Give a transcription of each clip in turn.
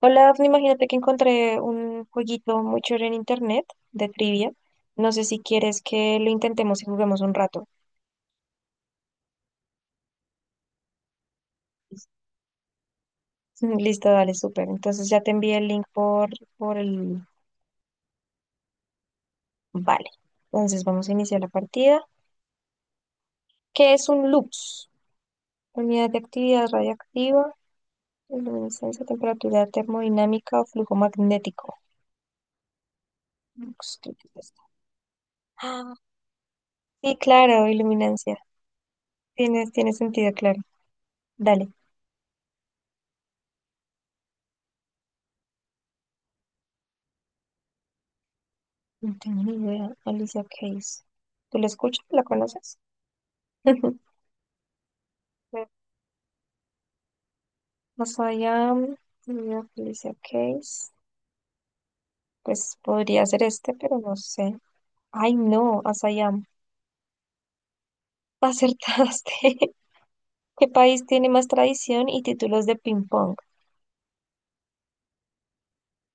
Hola, Dafne, imagínate que encontré un jueguito muy chévere en internet de trivia. No sé si quieres que lo intentemos y juguemos un rato. Listo, dale, súper. Entonces ya te envié el link por el... Vale. Entonces vamos a iniciar la partida. ¿Qué es un lux? Unidad de actividad radioactiva, luminiscencia, temperatura termodinámica o flujo magnético. Lux, creo que es esta. Ah, sí, claro, iluminancia. Tiene sentido, claro. Dale. No tengo ni idea. Alicia Keys. ¿Tú la escuchas? ¿La conoces? Bueno, más allá, Alicia Keys. Pues podría ser este, pero no sé. Ay, no, Asayam. Acertaste. ¿Qué país tiene más tradición y títulos de ping pong?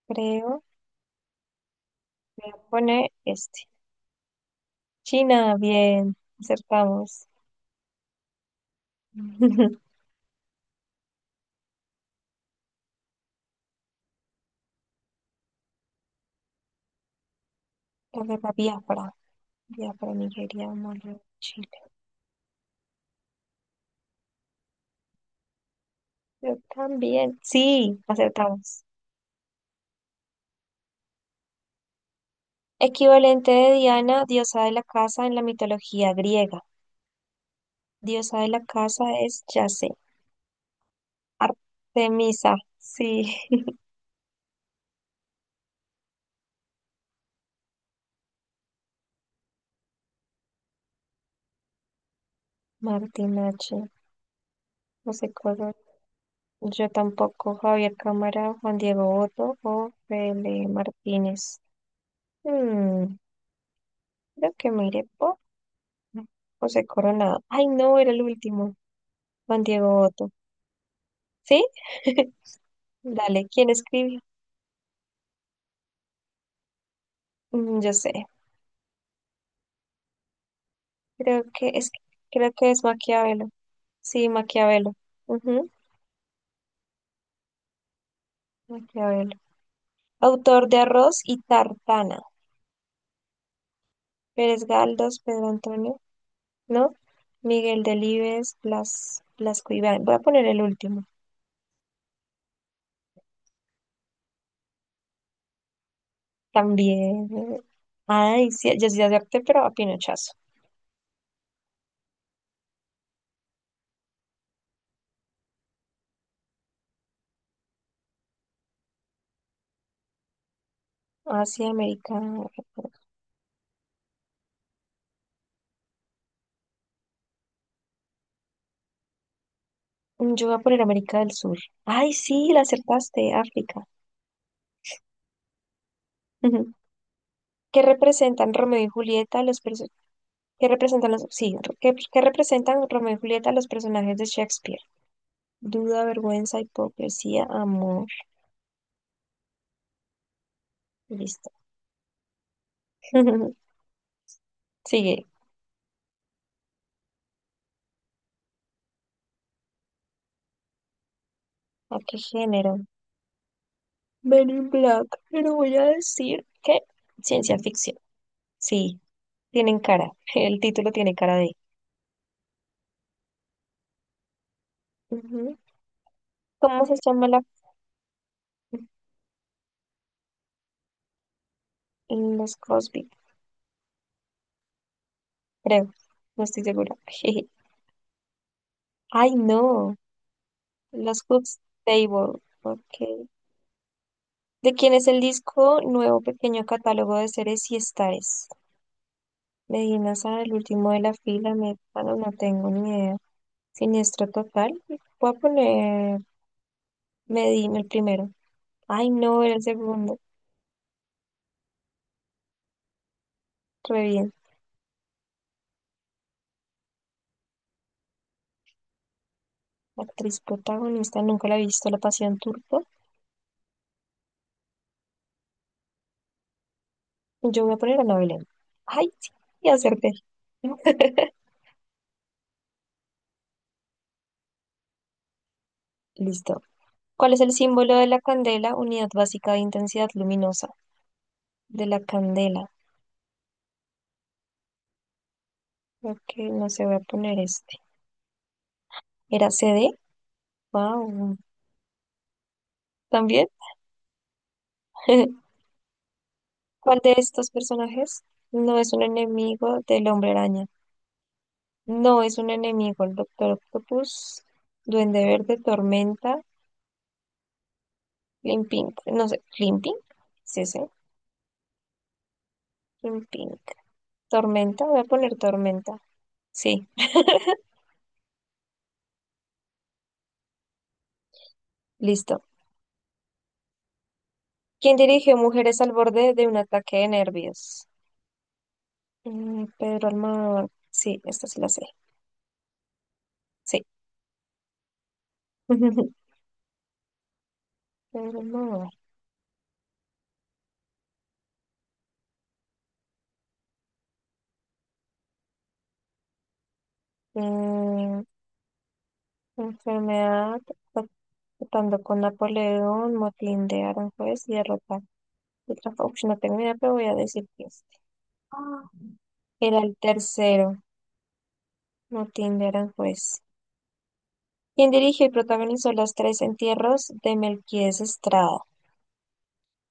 Creo que voy a poner este. China, bien, acertamos. La guerra Biafra. Biafra, Nigeria, Mali, Chile. Yo también. Sí, acertamos. Equivalente de Diana, diosa de la casa en la mitología griega. Diosa de la casa es, ya sé, Artemisa. Sí. Martín H. No sé cómo. Yo tampoco, Javier Cámara, Juan Diego Otto o Fele Martínez. Hmm, creo que me iré por José Coronado. Ay, no, era el último. Juan Diego Otto. ¿Sí? Dale, ¿quién escribió? Yo sé. Creo que es, creo que es Maquiavelo. Sí, Maquiavelo. Ujú, Maquiavelo. Autor de Arroz y Tartana. Pérez Galdós, Pedro Antonio, ¿no? Miguel Delibes, Blasco Ibáñez. Voy a poner el último. También. Ay, sí, ya sí acepté, pero a pinochazo. Asia, América. Yo voy a poner América del Sur. Ay, sí, la acertaste, África. Ujú. ¿Qué representan Romeo y Julieta, los personajes? ¿Qué representan los, sí, qué representan Romeo y Julieta, los personajes de Shakespeare? Duda, vergüenza, hipocresía, amor. Listo. Sigue. ¿A qué género? Men in Black. Pero voy a decir que ciencia ficción. Sí, tienen cara. El título tiene cara de. Ujú. ¿Cómo se llama los Cosby? Creo. No estoy segura. Ay, no. Los Hoops Table. Ok. ¿De quién es el disco Nuevo Pequeño Catálogo de Seres y Estares? Medina Sara, el último de la fila, bueno, no tengo ni idea. Siniestro total. Voy a poner Medina el primero. Ay, no, era el segundo. Re bien. Actriz protagonista, nunca la he visto, La Pasión Turco. Yo voy a poner a Ana Belén. Ay, sí, y acerté. Listo. ¿Cuál es el símbolo de la candela? Unidad básica de intensidad luminosa. De la candela. Ok, no se, voy a poner este. ¿Era cd. Wow. También. ¿Cuál de estos personajes no es un enemigo del Hombre Araña? No es un enemigo el Doctor Octopus, Duende Verde, Tormenta, Limpink, no sé, Limpink, sí, sí, Limpink, Tormenta, voy a poner Tormenta, sí, listo. ¿Quién dirigió Mujeres al borde de un ataque de nervios? Pedro Almodóvar, sí, esta sí la sé, sí. Pedro Almodóvar. Mm, enfermedad, tratando con Napoleón, motín de Aranjuez y derrota otra, Trafalgar. No tengo idea, pero voy a decir que este. Ah. Era el tercero, motín de Aranjuez. ¿Quien dirigió y protagonizó las tres entierros de Melquíades Estrada?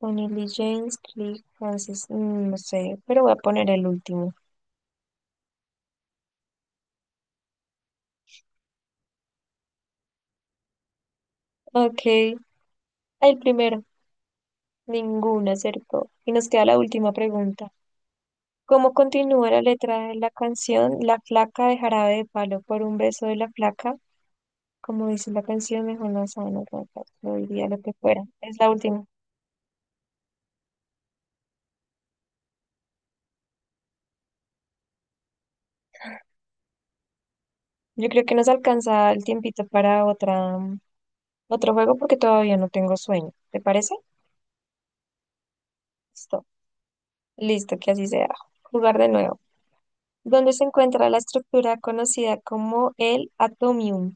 Tony Lee James, Cliff Francis, no sé, pero voy a poner el último. Ok, el primero, ninguno acertó. Y nos queda la última pregunta. ¿Cómo continúa la letra de la canción La flaca de jarabe de palo por un beso de la flaca? Como dice la canción, mejor no saben rotas, lo diría lo que fuera. Es la última. Yo creo que nos alcanza el tiempito para otro juego porque todavía no tengo sueño. ¿Te parece? Listo. Listo, que así sea. Jugar de nuevo. ¿Dónde se encuentra la estructura conocida como el Atomium?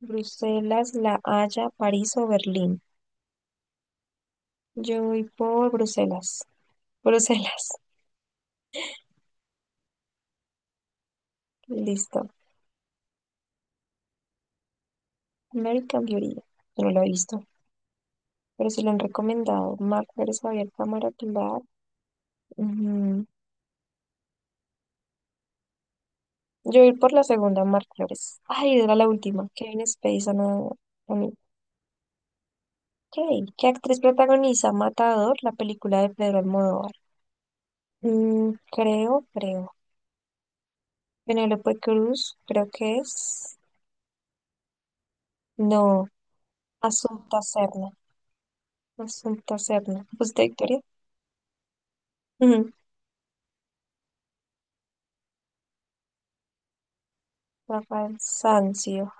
Bruselas, La Haya, París o Berlín. Yo voy por Bruselas. Bruselas. Listo. American Beauty. Yo no lo he visto, pero sí lo han recomendado. Mark Pérez, Javier Cámara. Ujú. Yo ir por la segunda, Mar Flores. Ay, era la última. Kevin Spacey, Ana. Ok. ¿Qué actriz protagoniza Matador, la película de Pedro Almodóvar? Creo. Penélope Cruz, creo que es. No, Asunta Serna. Asunta Serna. ¿Pusiste Victoria? Ujú. Rafael Sanzio.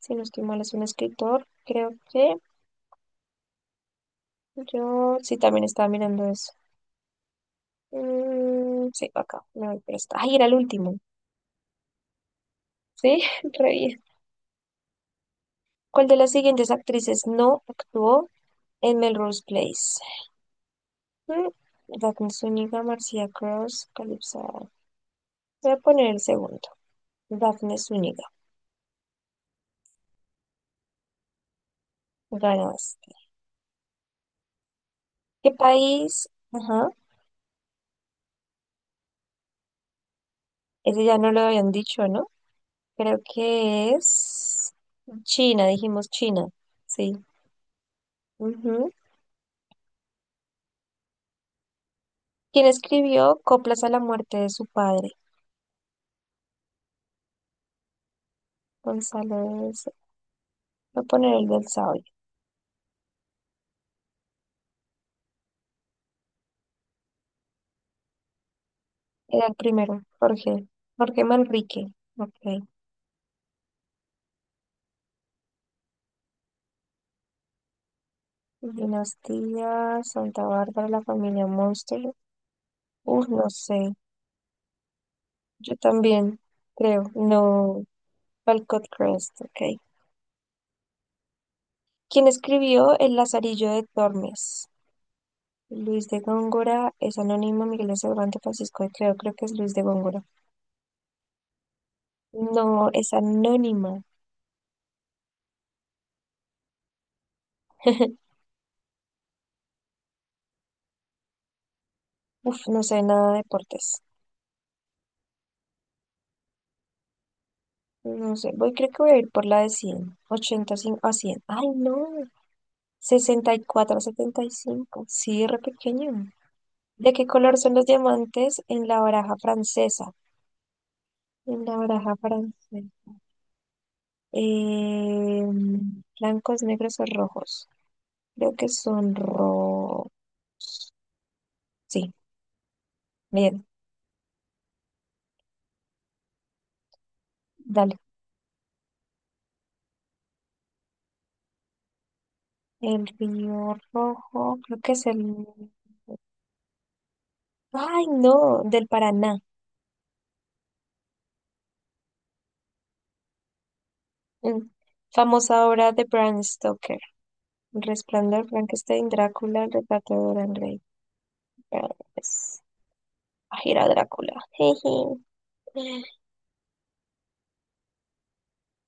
Si no estoy mal, es un escritor. Creo que yo sí también estaba mirando eso. Mm, sí, acá. Me voy por esta. Ay, era el último. Sí, re bien. ¿Cuál de las siguientes actrices no actuó en Melrose Place? Mm, Daphne Zúñiga, Marcia Cross, Calypso. Voy a poner el segundo. Daphne Zúñiga. Ganaste. ¿Qué país? Ajá. Ese ya no lo habían dicho, ¿no? Creo que es China, dijimos China. Sí. Ujú. ¿Quién escribió Coplas a la muerte de su padre? Gonzalo. de- Voy a poner el del sabio. Era el primero. Jorge. Jorge Manrique. Ok. Dinastía Santa Bárbara, la familia Monster. No sé. Yo también creo. No. Walcott Crest, ok. ¿Quién escribió El Lazarillo de Tormes? Luis de Góngora, es anónima, Miguel de Cervantes, Francisco de Quevedo, creo que es Luis de Góngora. No, es anónima. Uf, no sé nada de deportes. No sé, creo que voy a ir por la de 100. 85 a 100. Ay, no. 64 a 75. Sí, re pequeño. ¿De qué color son los diamantes en la baraja francesa? En la baraja francesa. Eh, blancos, negros o rojos. Creo que son rojos. Sí, bien, dale. El río rojo, creo que es el... Ay, no, del Paraná. Mm. Famosa obra de Bram Stoker. Resplandor, Frankenstein, Drácula, el retrato de Dorian Gray. Ah, pues, ay, era Drácula. Jeje.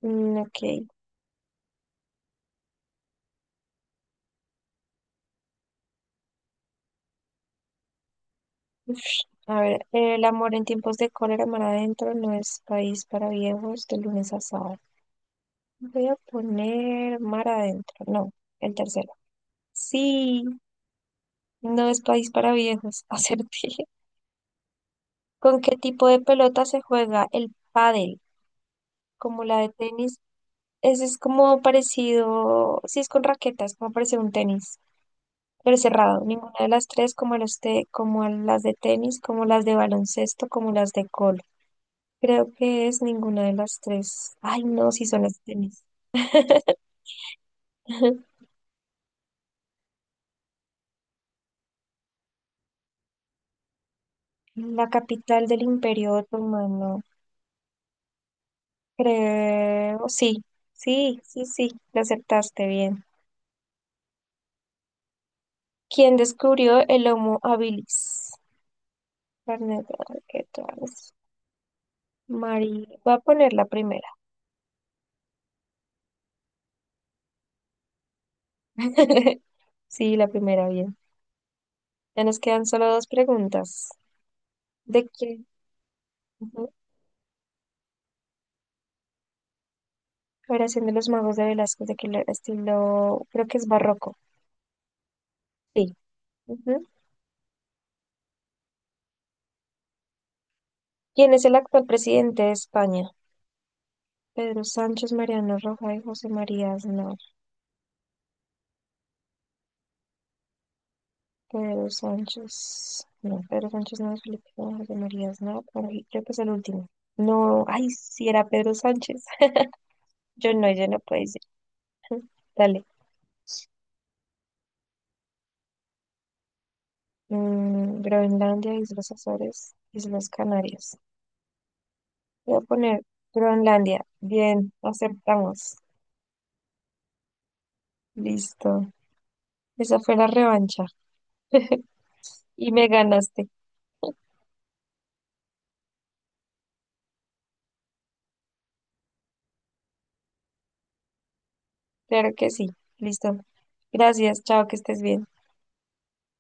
Mm, ok. Uf, a ver, el amor en tiempos de cólera, mar adentro, no es país para viejos, de lunes a sábado. Voy a poner mar adentro, no, el tercero. Sí, no es país para viejos, acerté. ¿Con qué tipo de pelota se juega el pádel? Como la de tenis. Ese es como parecido, sí es con raquetas, como parecido a un tenis, pero cerrado. Ninguna de las tres, como las de tenis, como las de baloncesto, como las de cólera. Creo que es ninguna de las tres. Ay, no, si son las tenis. La capital del Imperio Otomano. Creo, sí, sí, sí, sí, lo aceptaste bien. ¿Quién descubrió el Homo habilis? Carnet, ay, ¿qué tal? María. Voy a poner la primera. Sí, la primera, bien. Ya nos quedan solo 2 preguntas. ¿De qué? Ujú. Oración de los magos de Velasco, de qué estilo, creo que es barroco. Sí. Ujú. ¿Quién es el actual presidente de España? Pedro Sánchez, Mariano Rajoy, José María Aznar. Pedro Sánchez. No, Pedro Sánchez no es Felipe, González, José María Aznar, por ahí, creo que es el último. No, ay, si era Pedro Sánchez. Yo no, puede ser. Dale. Groenlandia, Islas Azores, Islas Canarias. Voy a poner Groenlandia. Bien, aceptamos. Listo. Esa fue la revancha. Y me ganaste. Claro que sí. Listo. Gracias. Chao, que estés bien.